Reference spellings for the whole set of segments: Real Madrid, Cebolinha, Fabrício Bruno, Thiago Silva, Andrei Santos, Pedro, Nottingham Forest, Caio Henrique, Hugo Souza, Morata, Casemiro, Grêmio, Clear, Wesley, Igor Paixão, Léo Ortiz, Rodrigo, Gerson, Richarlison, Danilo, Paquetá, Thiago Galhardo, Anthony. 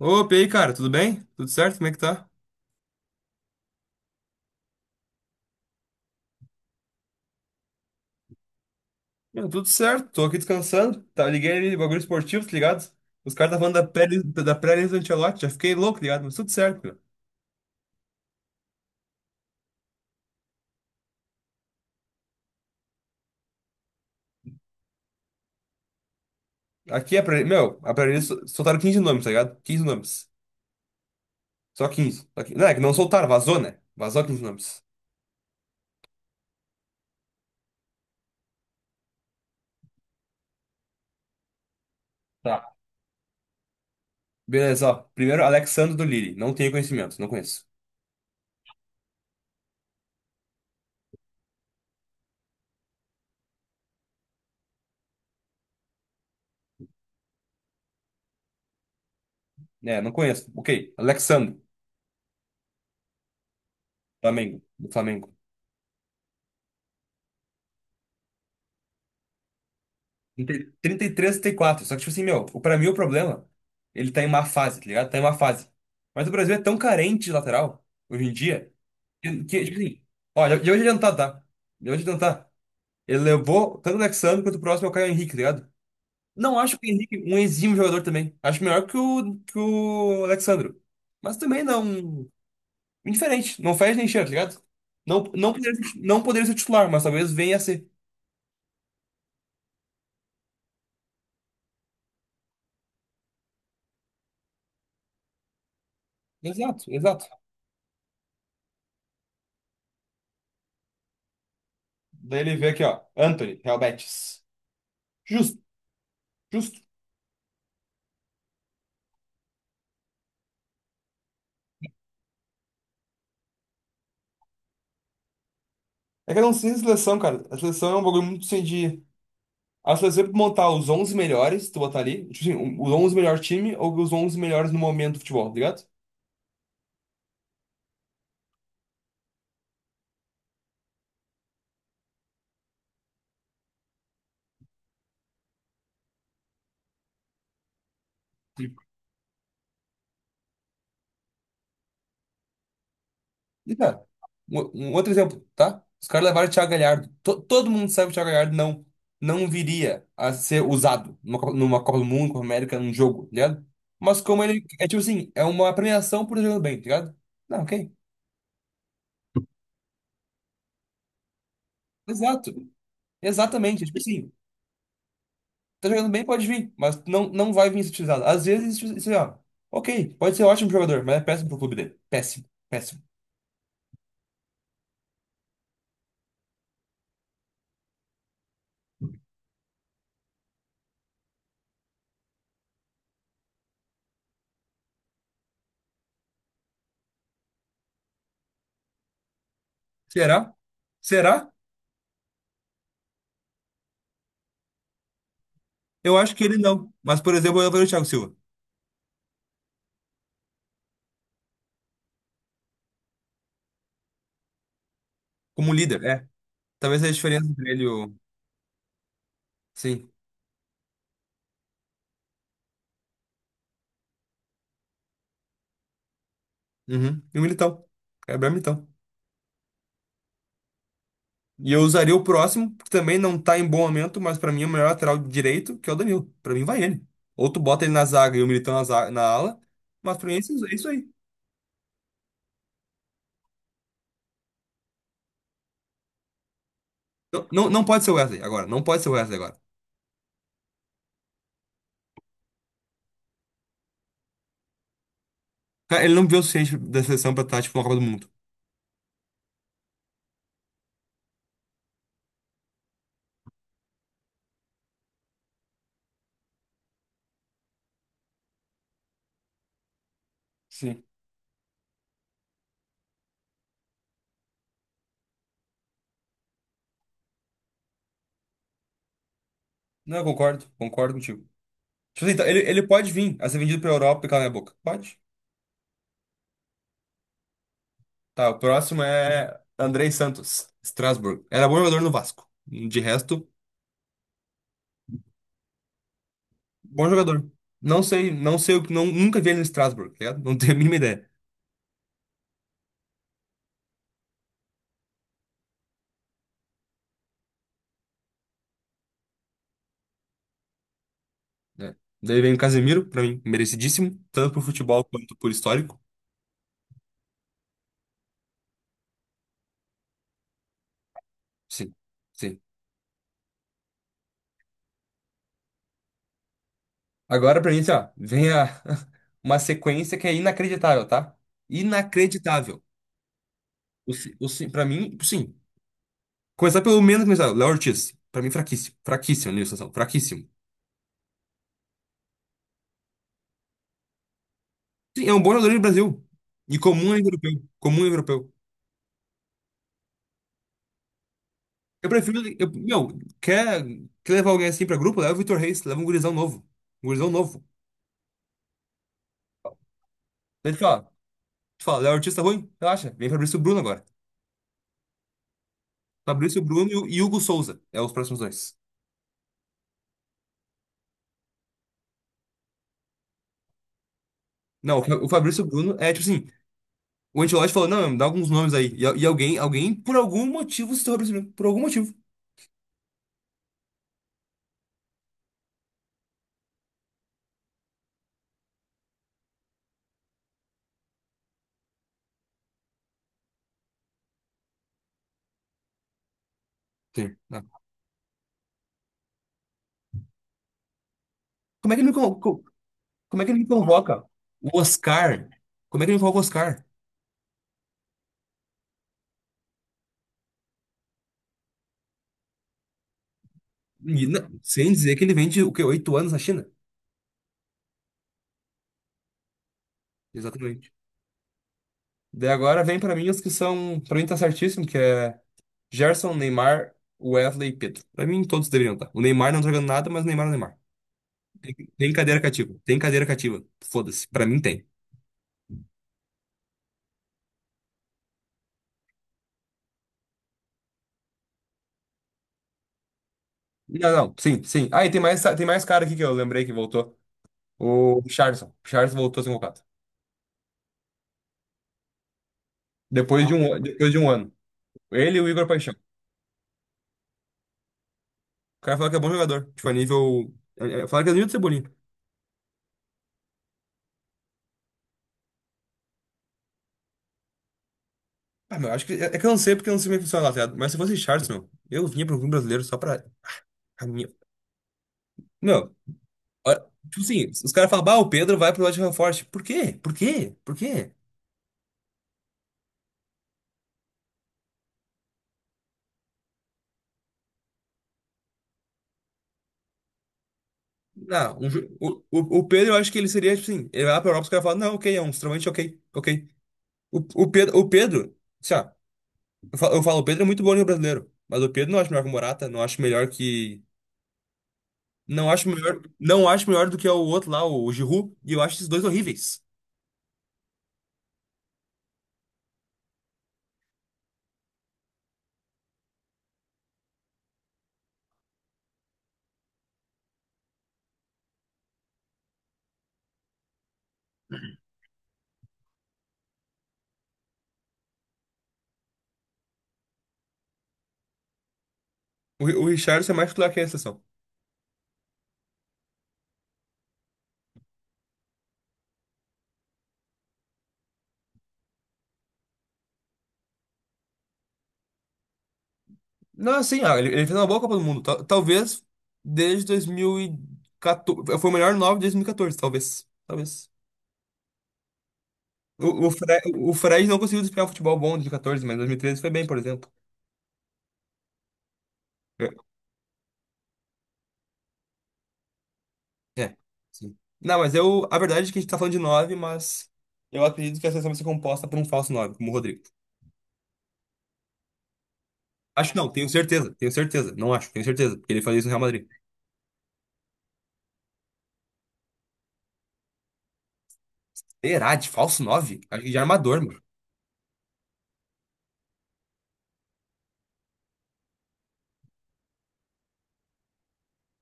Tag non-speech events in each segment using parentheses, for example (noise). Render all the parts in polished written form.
Opa, e aí, cara, tudo bem? Tudo certo? Como é que tá? Meu, tudo certo, tô aqui descansando. Tá, liguei ali, bagulho esportivo, tá ligado? Os caras estavam falando da pré-lista do Ancelotti, já fiquei louco, tá ligado? Mas tudo certo, meu. Aqui é pré meu, a pré-lista soltaram 15 nomes, tá ligado? 15 nomes. Só 15. Só 15. Não, é que não soltaram, vazou, né? Vazou 15 nomes. Tá. Beleza, ó. Primeiro, Alexandre do Lille. Não tenho conhecimento, não conheço. É, não conheço. Ok. Alexandre, do Flamengo. 33, 34. Só que, tipo assim, meu, pra mim o problema, ele tá em má fase, tá ligado? Tá em má fase. Mas o Brasil é tão carente de lateral, hoje em dia, que, tipo assim, ó, já vou te adiantar, tá? Já vou te adiantar. Ele levou tanto o Alexandre quanto o próximo é o Caio Henrique, tá ligado? Não acho que o Henrique um exímio jogador também. Acho melhor que o Alexandre. Mas também não. Indiferente. Não faz nem cheiro, tá ligado? Não, não, não poderia ser titular, mas talvez venha a ser. Exato, exato. Daí ele vê aqui, ó. Anthony, Real Betis. Justo, justo. É que eu não sei a seleção, cara. A seleção é um bagulho muito sem de. A seleção é pra montar os 11 melhores, tu botar ali, tipo assim, os 11 melhores time ou os 11 melhores no momento do futebol, tá ligado? Sim. E, cara, um outro exemplo, tá? Os caras levaram o Thiago Galhardo. Todo mundo sabe que o Thiago Galhardo não viria a ser usado numa, numa Copa do Mundo, Copa América, num jogo, tá ligado? Mas como ele. É tipo assim, é uma premiação por jogar bem, tá ligado? Não, ok. Exato. Exatamente. Tipo assim, tá jogando bem, pode vir, mas não vai vir utilizado. Às vezes, isso, ó, ok, pode ser ótimo jogador, mas é péssimo pro clube dele. Péssimo, péssimo. Será? Será? Eu acho que ele não. Mas, por exemplo, eu vejo o Thiago Silva como líder, é. Talvez seja a diferença entre ele e o. Sim. Uhum. E o Militão. Gabriel Militão. E eu usaria o próximo, que também não tá em bom momento, mas pra mim é o melhor lateral direito, que é o Danilo. Pra mim vai ele. Ou tu bota ele na zaga e o Militão na, na ala, mas pra mim é isso aí. Não pode ser o Wesley agora. Não pode ser o Wesley agora. Cara, ele não viu o suficiente da seleção pra estar, tipo, na Copa do Mundo. Sim. Não, eu concordo contigo. Tipo assim, então, ele pode vir a ser vendido pra Europa e calar minha boca. Pode. Tá, o próximo é Andrei Santos, Strasbourg. Era bom jogador no Vasco. De resto, bom jogador. Não, nunca vi ele no Strasbourg, tá ligado? Não tenho a mínima ideia. É. Daí vem o Casemiro, pra mim, merecidíssimo, tanto por futebol quanto por histórico. Sim, sim. Agora pra mim, assim, ó, vem a, (laughs) uma sequência que é inacreditável, tá? Inacreditável. Pra mim, sim. Começar pelo menos começar. Léo Ortiz. Pra mim, fraquíssimo. Fraquíssimo na situação. Fraquíssimo. Sim, é um bom jogador do Brasil. E comum é europeu. Comum é europeu. Eu prefiro. Eu, meu, quer, quer levar alguém assim pra grupo? Leva o Vitor Reis. Leva um gurizão novo. Um gurizão novo. Daí tu fala, Léo Ortiz tá ruim? Relaxa. Vem Fabrício Bruno agora. Fabrício Bruno e o e Hugo Souza. É os próximos dois. Não, o Fa- o Fabrício Bruno é tipo assim. O Ancelotti falou, não, dá alguns nomes aí. E alguém por algum motivo, citou o Fabrício Bruno. Por algum motivo. Sim. Como é que ele me, con- co- Como é que ele me convoca? O Oscar. Como é que ele me convoca o Oscar? Sem dizer que ele vende o quê? 8 anos na China? Exatamente. Daí agora vem pra mim os que são. Pra mim tá certíssimo, que é Gerson, Neymar, Wesley e Pedro. Pra mim todos deveriam estar. O Neymar não tá jogando nada, mas o Neymar é o Neymar. Tem cadeira cativa. Tem cadeira cativa. Foda-se. Pra mim tem. Não, não. Sim, sim. Ah, e tem mais cara aqui que eu lembrei que voltou. O Richarlison. O Richarlison voltou a ser convocado. Depois de um ano. Ele e o Igor Paixão. O cara fala que é bom jogador. Tipo, a nível. Fala que é nível do Cebolinha. Ah, meu, acho que. É é que eu não sei porque eu não sei como é que funciona lá, tá ligado? Mas se fosse Richarlison, eu vinha pro clube brasileiro só pra. a minha- Meu, olha, tipo assim, os caras falam, bah, o Pedro vai pro Nottingham Forest. Por quê? Por quê? Por quê? Não, o Pedro, eu acho que ele seria, tipo assim, ele vai lá pra Europa, os caras falam, não, ok, é um extremamente ok, ok. O Pedro, sei lá, eu falo, o Pedro é muito bom no brasileiro, mas o Pedro não acho melhor que o Morata, não acho melhor que. Não acho melhor do que o outro lá, o Giroud, e eu acho esses dois horríveis. O Richarlison é mais titular que a exceção. Não, assim, ah, ele fez uma boa Copa do Mundo. Talvez desde 2014. Foi o melhor nove desde 2014, talvez. Talvez. O Fred não conseguiu desempenhar um futebol bom em 2014, mas em 2013 foi bem, por exemplo. É, é, sim. Não, mas eu. A verdade é que a gente tá falando de nove, mas eu acredito que a seleção vai ser composta por um falso nove, como o Rodrigo. Acho que não, tenho certeza. Não acho, tenho certeza, porque ele fazia isso no Real Madrid. Será de falso 9? Acho que de armador, mano.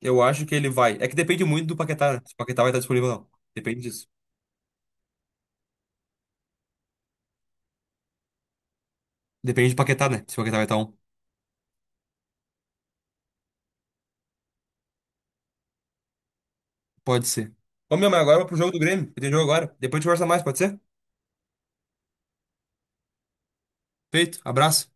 Eu acho que ele vai. É que depende muito do Paquetá, né? Se o Paquetá vai estar disponível ou não. Depende disso. Depende do Paquetá, né? Se o Paquetá vai estar um. Pode ser. Ô, meu, mas agora eu vou pro jogo do Grêmio. Eu tenho jogo agora. Depois a gente conversa mais, pode ser? Feito. Abraço.